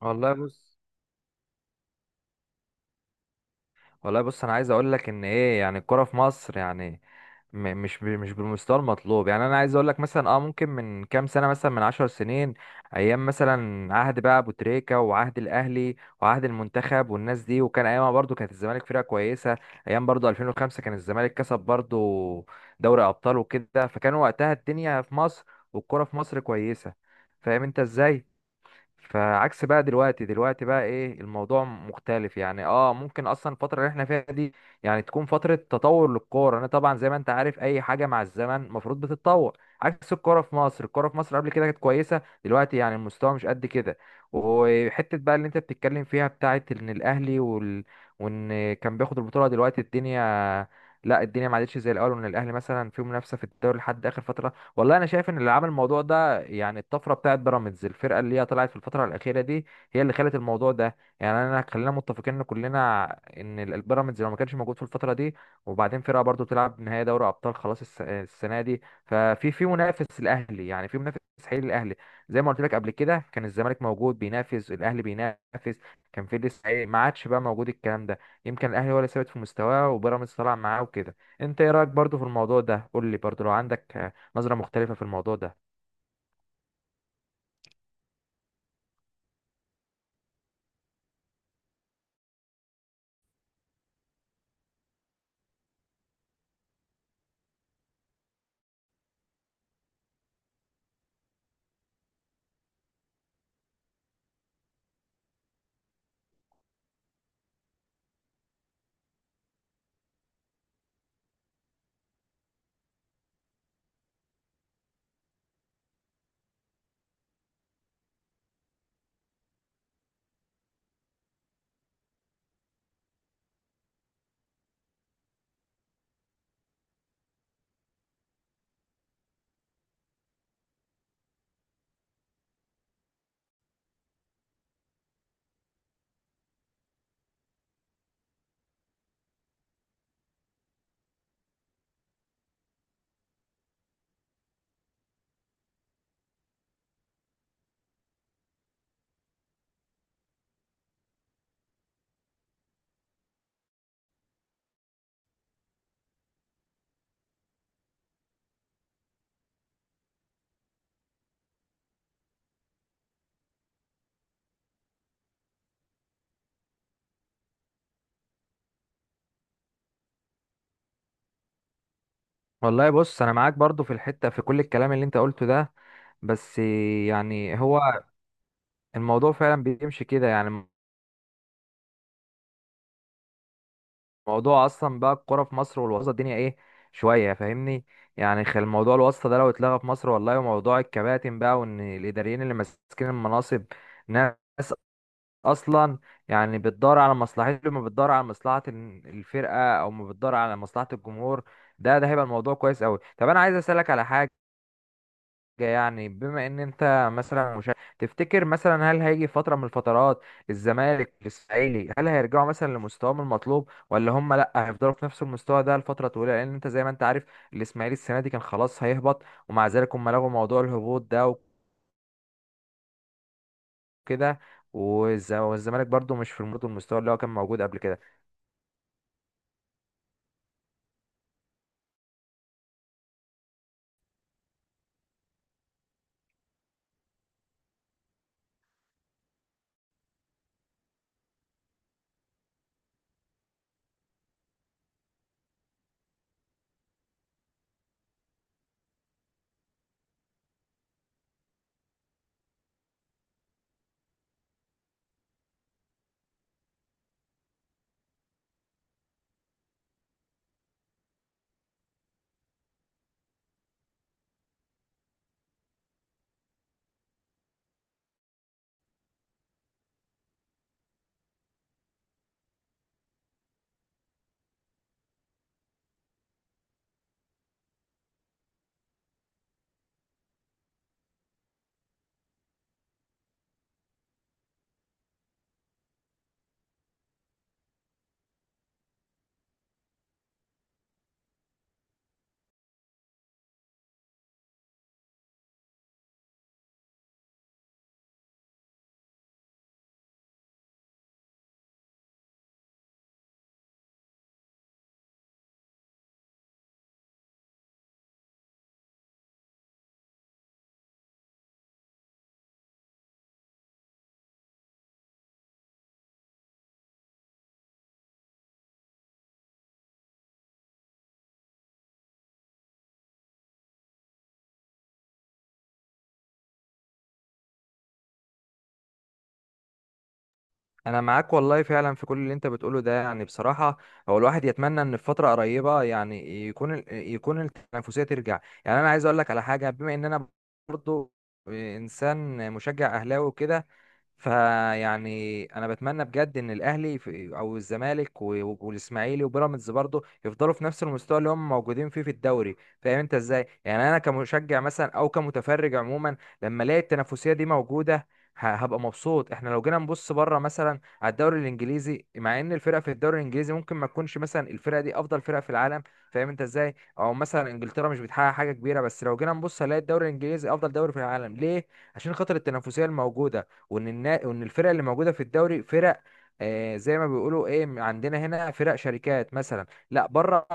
والله بص والله بص، انا عايز اقول لك ان ايه، يعني الكرة في مصر، يعني مش بالمستوى المطلوب. يعني انا عايز اقول لك، مثلا ممكن من كام سنة، مثلا من عشر سنين، ايام مثلا عهد بقى ابو تريكة، وعهد الاهلي، وعهد المنتخب، والناس دي، وكان ايامها برضو كانت الزمالك فرقة كويسة. ايام برضو 2005 كان الزمالك كسب برضو دوري ابطال وكده، فكان وقتها الدنيا في مصر والكرة في مصر كويسة. فاهم انت ازاي؟ فعكس بقى دلوقتي بقى ايه الموضوع مختلف. يعني ممكن اصلا الفتره اللي احنا فيها دي يعني تكون فتره تطور للكوره. انا طبعا زي ما انت عارف اي حاجه مع الزمن المفروض بتتطور، عكس الكوره في مصر. الكوره في مصر قبل كده كانت كويسه، دلوقتي يعني المستوى مش قد كده. وحته بقى اللي انت بتتكلم فيها بتاعت ان الاهلي وان كان بياخد البطوله، دلوقتي الدنيا لا، الدنيا ما عادتش زي الاول، وان الاهلي مثلا فيه منافسه في الدوري لحد اخر فتره. والله انا شايف ان اللي عمل الموضوع ده بقى يعني الطفره بتاعت بيراميدز، الفرقه اللي هي طلعت في الفتره الاخيره دي هي اللي خلت الموضوع ده. يعني انا خلينا متفقين كلنا ان البيراميدز لو ما كانش موجود في الفتره دي، وبعدين فرقه برضو تلعب نهائي دوري ابطال خلاص السنه دي، ففي منافس الاهلي، يعني في منافس حقيقي للاهلي. زي ما قلت لك قبل كده، كان الزمالك موجود بينافس الاهلي بينافس، كان في لسه إيه، ما عادش بقى موجود الكلام ده. يمكن الاهلي هو اللي ثابت في مستواه وبيراميدز طلع معاه وكده. انت ايه رايك برضو في الموضوع ده؟ قول لي برضو لو عندك، نظرة مختلفة في الموضوع ده. والله بص، انا معاك برضو في الحتة، في كل الكلام اللي انت قلته ده، بس يعني هو الموضوع فعلا بيمشي كده يعني. الموضوع اصلا بقى الكوره في مصر والوسط الدنيا ايه، شوية فاهمني؟ يعني خل موضوع الواسطة ده لو اتلغى في مصر والله، وموضوع الكباتن بقى، وان الاداريين اللي ماسكين المناصب ناس اصلا يعني بتدور على مصلحته، ما بتدور على مصلحة الفرقة او ما بتدور على مصلحة الجمهور، ده هيبقى الموضوع كويس قوي. طب انا عايز اسالك على حاجة، يعني بما ان انت مثلا، مش تفتكر مثلا هل هيجي فتره من الفترات الزمالك الاسماعيلي هل هيرجعوا مثلا لمستواهم المطلوب، ولا هم لا هيفضلوا في نفس المستوى ده لفتره طويله؟ لان انت زي ما انت عارف الاسماعيلي السنه دي كان خلاص هيهبط، ومع ذلك هم لغوا موضوع الهبوط ده وكده. والزمالك برضو مش في برضو المستوى اللي هو كان موجود قبل كده. انا معاك والله فعلا في كل اللي انت بتقوله ده، يعني بصراحه هو الواحد يتمنى ان في فتره قريبه يعني يكون التنافسيه ترجع. يعني انا عايز اقول لك على حاجه، بما ان انا برضو انسان مشجع اهلاوي وكده، فيعني انا بتمنى بجد ان الاهلي او الزمالك والاسماعيلي وبيراميدز برضه يفضلوا في نفس المستوى اللي هم موجودين فيه في الدوري. فاهم انت ازاي؟ يعني انا كمشجع مثلا او كمتفرج عموما، لما الاقي التنافسيه دي موجوده هبقى مبسوط. احنا لو جينا نبص بره مثلا على الدوري الانجليزي، مع ان الفرق في الدوري الانجليزي ممكن ما تكونش مثلا الفرقه دي افضل فرقه في العالم، فاهم انت ازاي؟ او مثلا انجلترا مش بتحقق حاجه كبيره، بس لو جينا نبص هنلاقي الدوري الانجليزي افضل دوري في العالم. ليه؟ عشان خاطر التنافسيه الموجوده، وان الفرق اللي موجوده في الدوري فرق، زي ما بيقولوا ايه، عندنا هنا فرق شركات مثلا، لا بره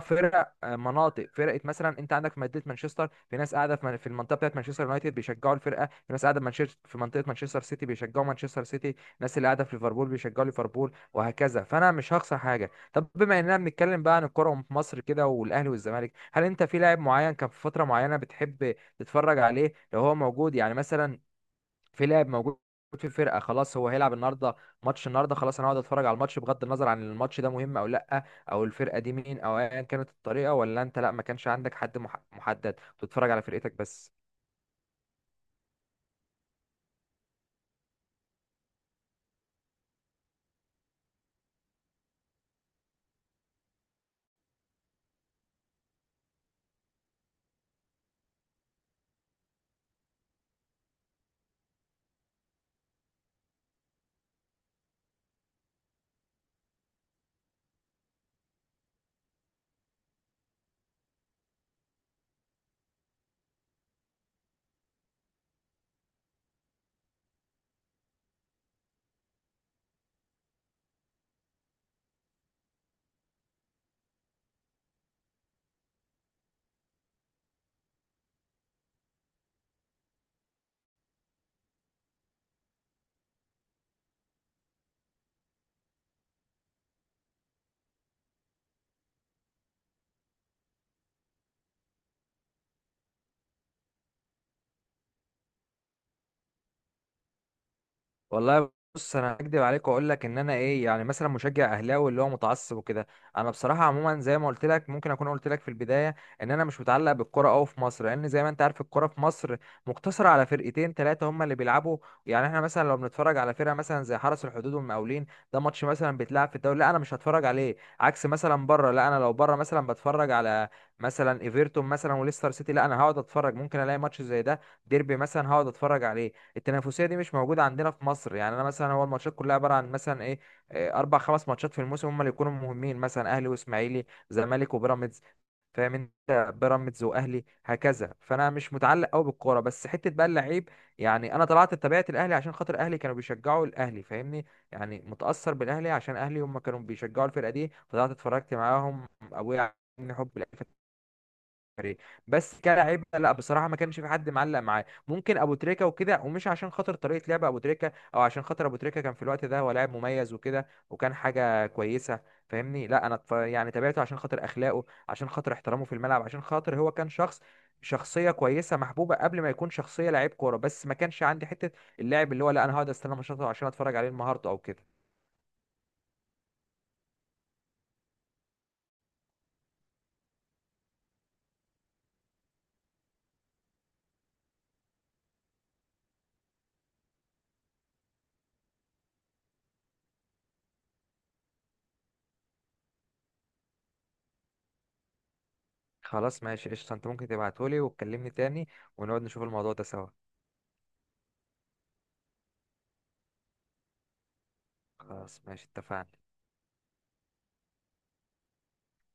فرق، مناطق. فرقه مثلا انت عندك في مدينه مانشستر في ناس قاعده في المنطقه بتاعت مانشستر يونايتد بيشجعوا الفرقه، في ناس قاعده في مانشستر في منطقه مانشستر سيتي بيشجعوا مانشستر سيتي، ناس اللي قاعده في ليفربول بيشجعوا ليفربول، وهكذا. فانا مش هخسر حاجه. طب بما اننا بنتكلم بقى عن الكوره في مصر كده، والاهلي والزمالك، هل انت في لاعب معين كان في فتره معينه بتحب تتفرج عليه لو هو موجود؟ يعني مثلا في لاعب موجود في الفرقه، خلاص هو هيلعب النهارده ماتش النهارده، خلاص انا هقعد اتفرج على الماتش بغض النظر عن الماتش ده مهم او لا، او الفرقه دي مين، او ايا كانت الطريقه، ولا انت لا ما كانش عندك حد محدد بتتفرج على فرقتك بس؟ والله بص، انا هكدب عليك واقول لك ان انا ايه يعني مثلا مشجع اهلاوي اللي هو متعصب وكده. انا بصراحه عموما زي ما قلت لك، ممكن اكون قلت لك في البدايه ان انا مش متعلق بالكره قوي في مصر، لان زي ما انت عارف الكره في مصر مقتصره على فرقتين ثلاثه هم اللي بيلعبوا. يعني احنا مثلا لو بنتفرج على فرقه مثلا زي حرس الحدود والمقاولين، ده ماتش مثلا بيتلعب في الدوري، لا انا مش هتفرج عليه. عكس مثلا بره، لا انا لو بره مثلا بتفرج على مثلا ايفرتون مثلا وليستر سيتي، لا انا هقعد اتفرج. ممكن الاقي ماتش زي ده، ديربي مثلا، هقعد اتفرج عليه. التنافسيه دي مش موجوده عندنا في مصر. يعني انا مثلا هو الماتشات كلها عباره عن مثلا ايه، اربع خمس ماتشات في الموسم هم اللي يكونوا مهمين، مثلا اهلي واسماعيلي، زمالك وبيراميدز، فاهم انت؟ بيراميدز واهلي، هكذا. فانا مش متعلق قوي بالكوره. بس حته بقى اللعيب، يعني انا طلعت اتبعت الاهلي عشان خاطر اهلي كانوا بيشجعوا الاهلي، فاهمني؟ يعني متاثر بالاهلي عشان اهلي هم كانوا بيشجعوا الفرقه دي، فطلعت اتفرجت معاهم، ابويا، عن حب الاهلي فريق. بس كلاعب لا بصراحه ما كانش في حد معلق معاه، ممكن ابو تريكه وكده، ومش عشان خاطر طريقه لعب ابو تريكه، او عشان خاطر ابو تريكه كان في الوقت ده هو لاعب مميز وكده، وكان حاجه كويسه فاهمني؟ لا انا يعني تابعته عشان خاطر اخلاقه، عشان خاطر احترامه في الملعب، عشان خاطر هو كان شخصيه كويسه محبوبه قبل ما يكون شخصيه لعيب كوره. بس ما كانش عندي حته اللاعب اللي هو لا انا هقعد استنى ماتشاته عشان اتفرج عليه النهارده او كده. خلاص ماشي قشطه، انت ممكن تبعتهولي وتكلمني تاني، ونقعد نشوف الموضوع ده سوا. خلاص ماشي، اتفقنا.